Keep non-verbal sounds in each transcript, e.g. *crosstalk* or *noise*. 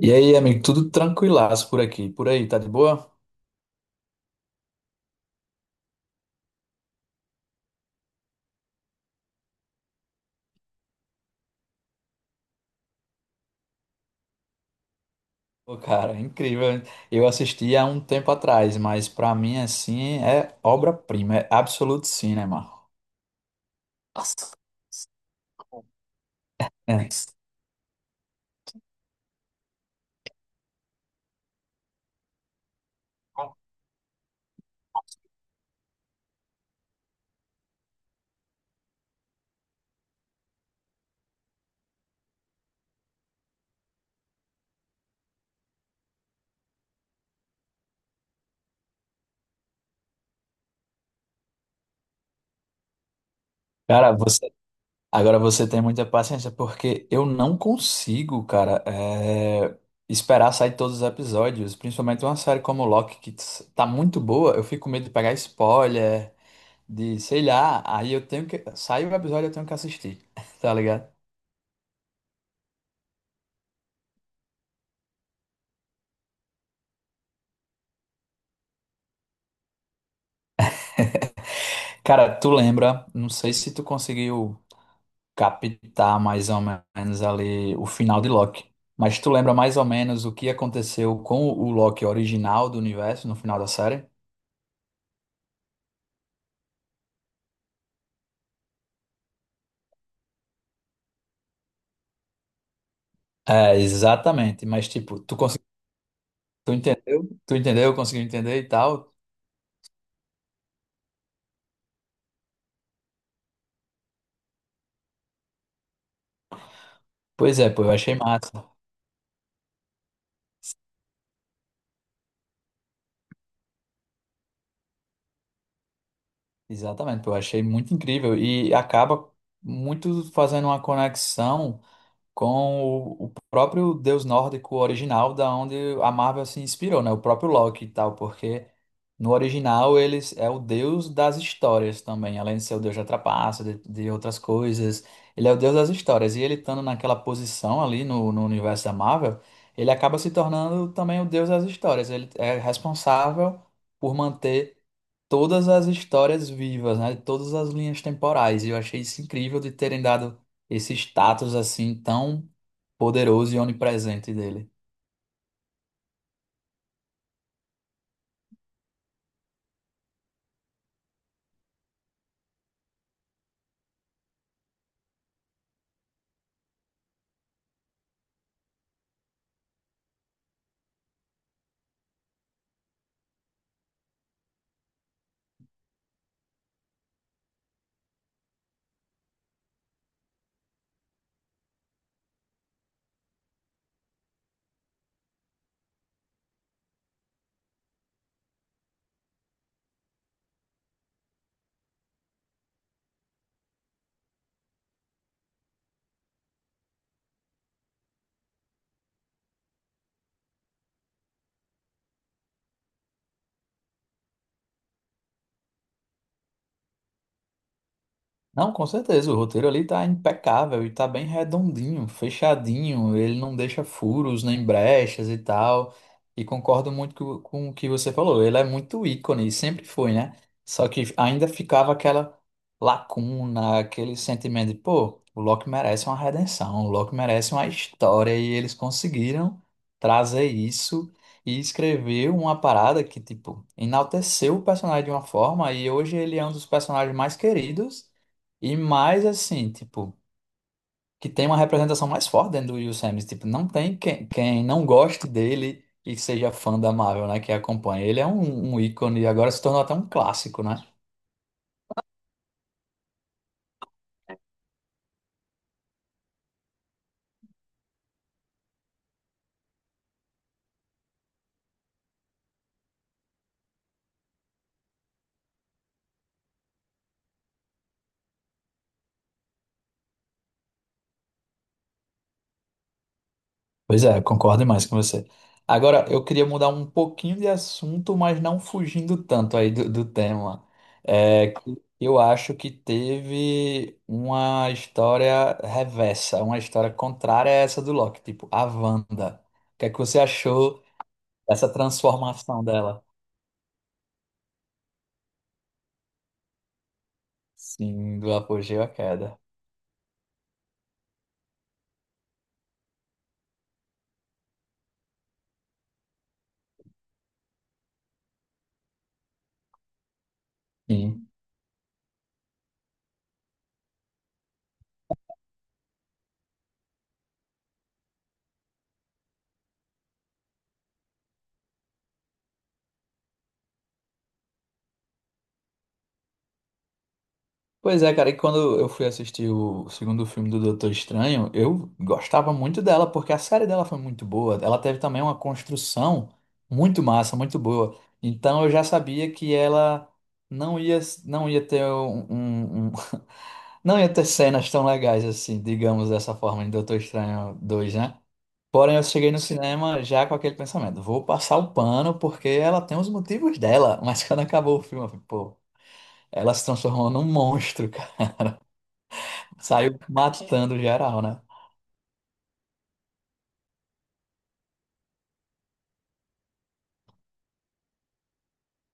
E aí, amigo, tudo tranquilaço por aqui. Por aí, tá de boa? Pô, cara, é incrível. Eu assisti há um tempo atrás, mas pra mim, assim, é obra-prima, é absoluto cinema. Nossa. É. Cara, você, agora você tem muita paciência, porque eu não consigo, cara, esperar sair todos os episódios, principalmente uma série como Loki, que tá muito boa, eu fico com medo de pegar spoiler, de, sei lá, aí sai o episódio, eu tenho que assistir, *laughs* tá ligado? Cara, tu lembra? Não sei se tu conseguiu captar mais ou menos ali o final de Loki, mas tu lembra mais ou menos o que aconteceu com o Loki original do universo no final da série? É, exatamente, mas tipo, tu entendeu? Tu entendeu? Conseguiu entender e tal? Pois é, pô, eu achei massa. Exatamente, pô, eu achei muito incrível e acaba muito fazendo uma conexão com o próprio deus nórdico original, da onde a Marvel se inspirou, né? O próprio Loki e tal, porque no original eles é o deus das histórias também, além de ser o deus da trapaça, de, outras coisas, ele é o deus das histórias. E ele estando naquela posição ali no universo da Marvel, ele acaba se tornando também o deus das histórias. Ele é responsável por manter todas as histórias vivas, né? Todas as linhas temporais. E eu achei isso incrível de terem dado esse status assim tão poderoso e onipresente dele. Não, com certeza, o roteiro ali tá impecável e tá bem redondinho, fechadinho, ele não deixa furos nem brechas e tal. E concordo muito com o que você falou, ele é muito ícone, e sempre foi, né? Só que ainda ficava aquela lacuna, aquele sentimento de, pô, o Loki merece uma redenção, o Loki merece uma história e eles conseguiram trazer isso e escrever uma parada que, tipo, enalteceu o personagem de uma forma e hoje ele é um dos personagens mais queridos e mais assim, tipo, que tem uma representação mais forte dentro do Will Smith. Tipo, não tem quem não goste dele e seja fã da Marvel, né? Que acompanha. Ele é um ícone e agora se tornou até um clássico, né? Pois é, concordo mais com você. Agora, eu queria mudar um pouquinho de assunto, mas não fugindo tanto aí do tema. É, que eu acho que teve uma história reversa, uma história contrária a essa do Loki, tipo, a Wanda. O que é que você achou? Essa transformação dela. Sim, do apogeu à queda. Sim. Pois é, cara, e quando eu fui assistir o segundo filme do Doutor Estranho, eu gostava muito dela, porque a série dela foi muito boa. Ela teve também uma construção muito massa, muito boa. Então eu já sabia que ela não ia, não ia ter um, um- um- *laughs* não ia ter cenas tão legais assim, digamos dessa forma, em Doutor Estranho 2, né? Porém, eu cheguei no cinema já com aquele pensamento, vou passar o pano porque ela tem os motivos dela, mas *laughs* quando acabou o filme, eu falei, pô, ela se transformou num monstro, cara. Saiu matando geral, né?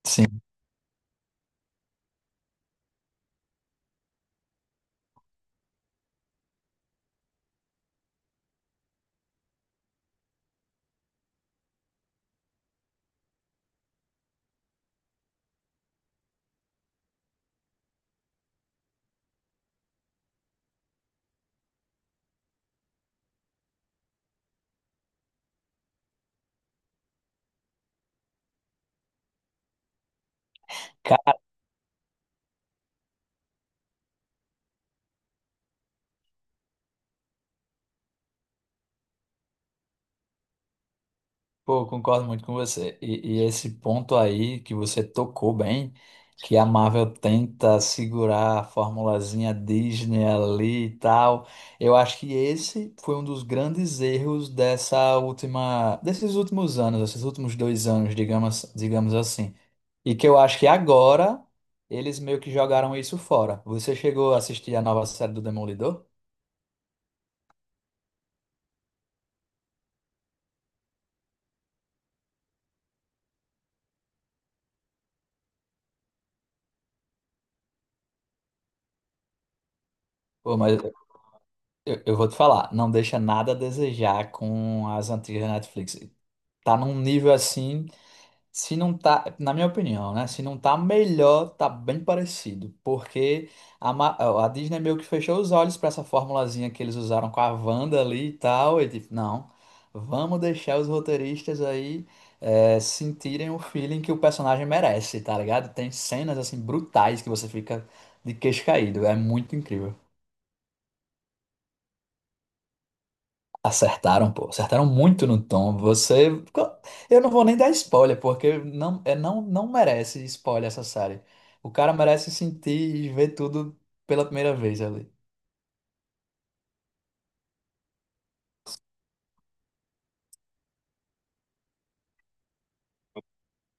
Sim. Pô, concordo muito com você. E esse ponto aí que você tocou bem, que a Marvel tenta segurar a formulazinha Disney ali e tal, eu acho que esse foi um dos grandes erros dessa última, desses últimos anos, esses últimos dois anos, digamos assim. E que eu acho que agora eles meio que jogaram isso fora. Você chegou a assistir a nova série do Demolidor? Pô, mas eu vou te falar, não deixa nada a desejar com as antigas Netflix. Tá num nível assim, se não tá, na minha opinião, né? Se não tá melhor, tá bem parecido, porque a, Ma- a Disney meio que fechou os olhos pra essa formulazinha que eles usaram com a Wanda ali e tal, e tipo, não, vamos deixar os roteiristas aí sentirem o feeling que o personagem merece, tá ligado? Tem cenas assim brutais que você fica de queixo caído, é muito incrível. Acertaram, pô. Acertaram muito no tom. Você. Eu não vou nem dar spoiler, porque não, não merece spoiler essa série. O cara merece sentir e ver tudo pela primeira vez ali.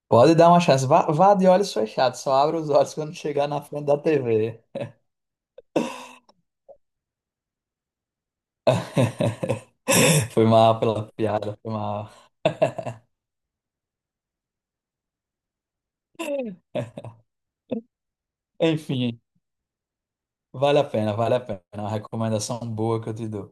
Pode dar uma chance. Vá, vá de olhos fechados, só abra os olhos quando chegar na frente da TV. *laughs* Foi mal pela piada, foi mal. Enfim, vale a pena, vale a pena. É uma recomendação boa que eu te dou.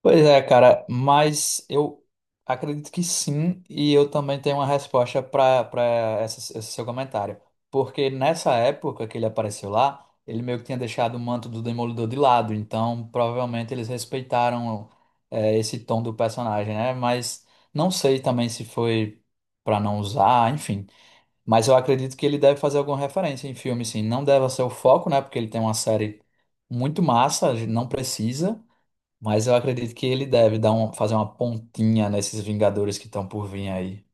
Pois é, cara, mas eu acredito que sim, e eu também tenho uma resposta para esse seu comentário. Porque nessa época que ele apareceu lá, ele meio que tinha deixado o manto do Demolidor de lado, então provavelmente eles respeitaram esse tom do personagem, né? Mas não sei também se foi para não usar, enfim. Mas eu acredito que ele deve fazer alguma referência em filme, sim. Não deve ser o foco, né? Porque ele tem uma série muito massa, a gente não precisa. Mas eu acredito que ele deve fazer uma pontinha nesses Vingadores que estão por vir aí.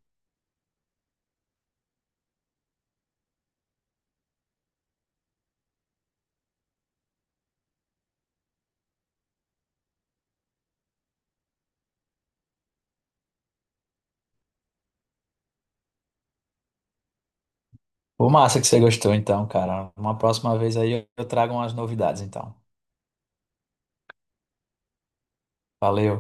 Pô, massa que você gostou, então, cara. Uma próxima vez aí eu trago umas novidades, então. Valeu.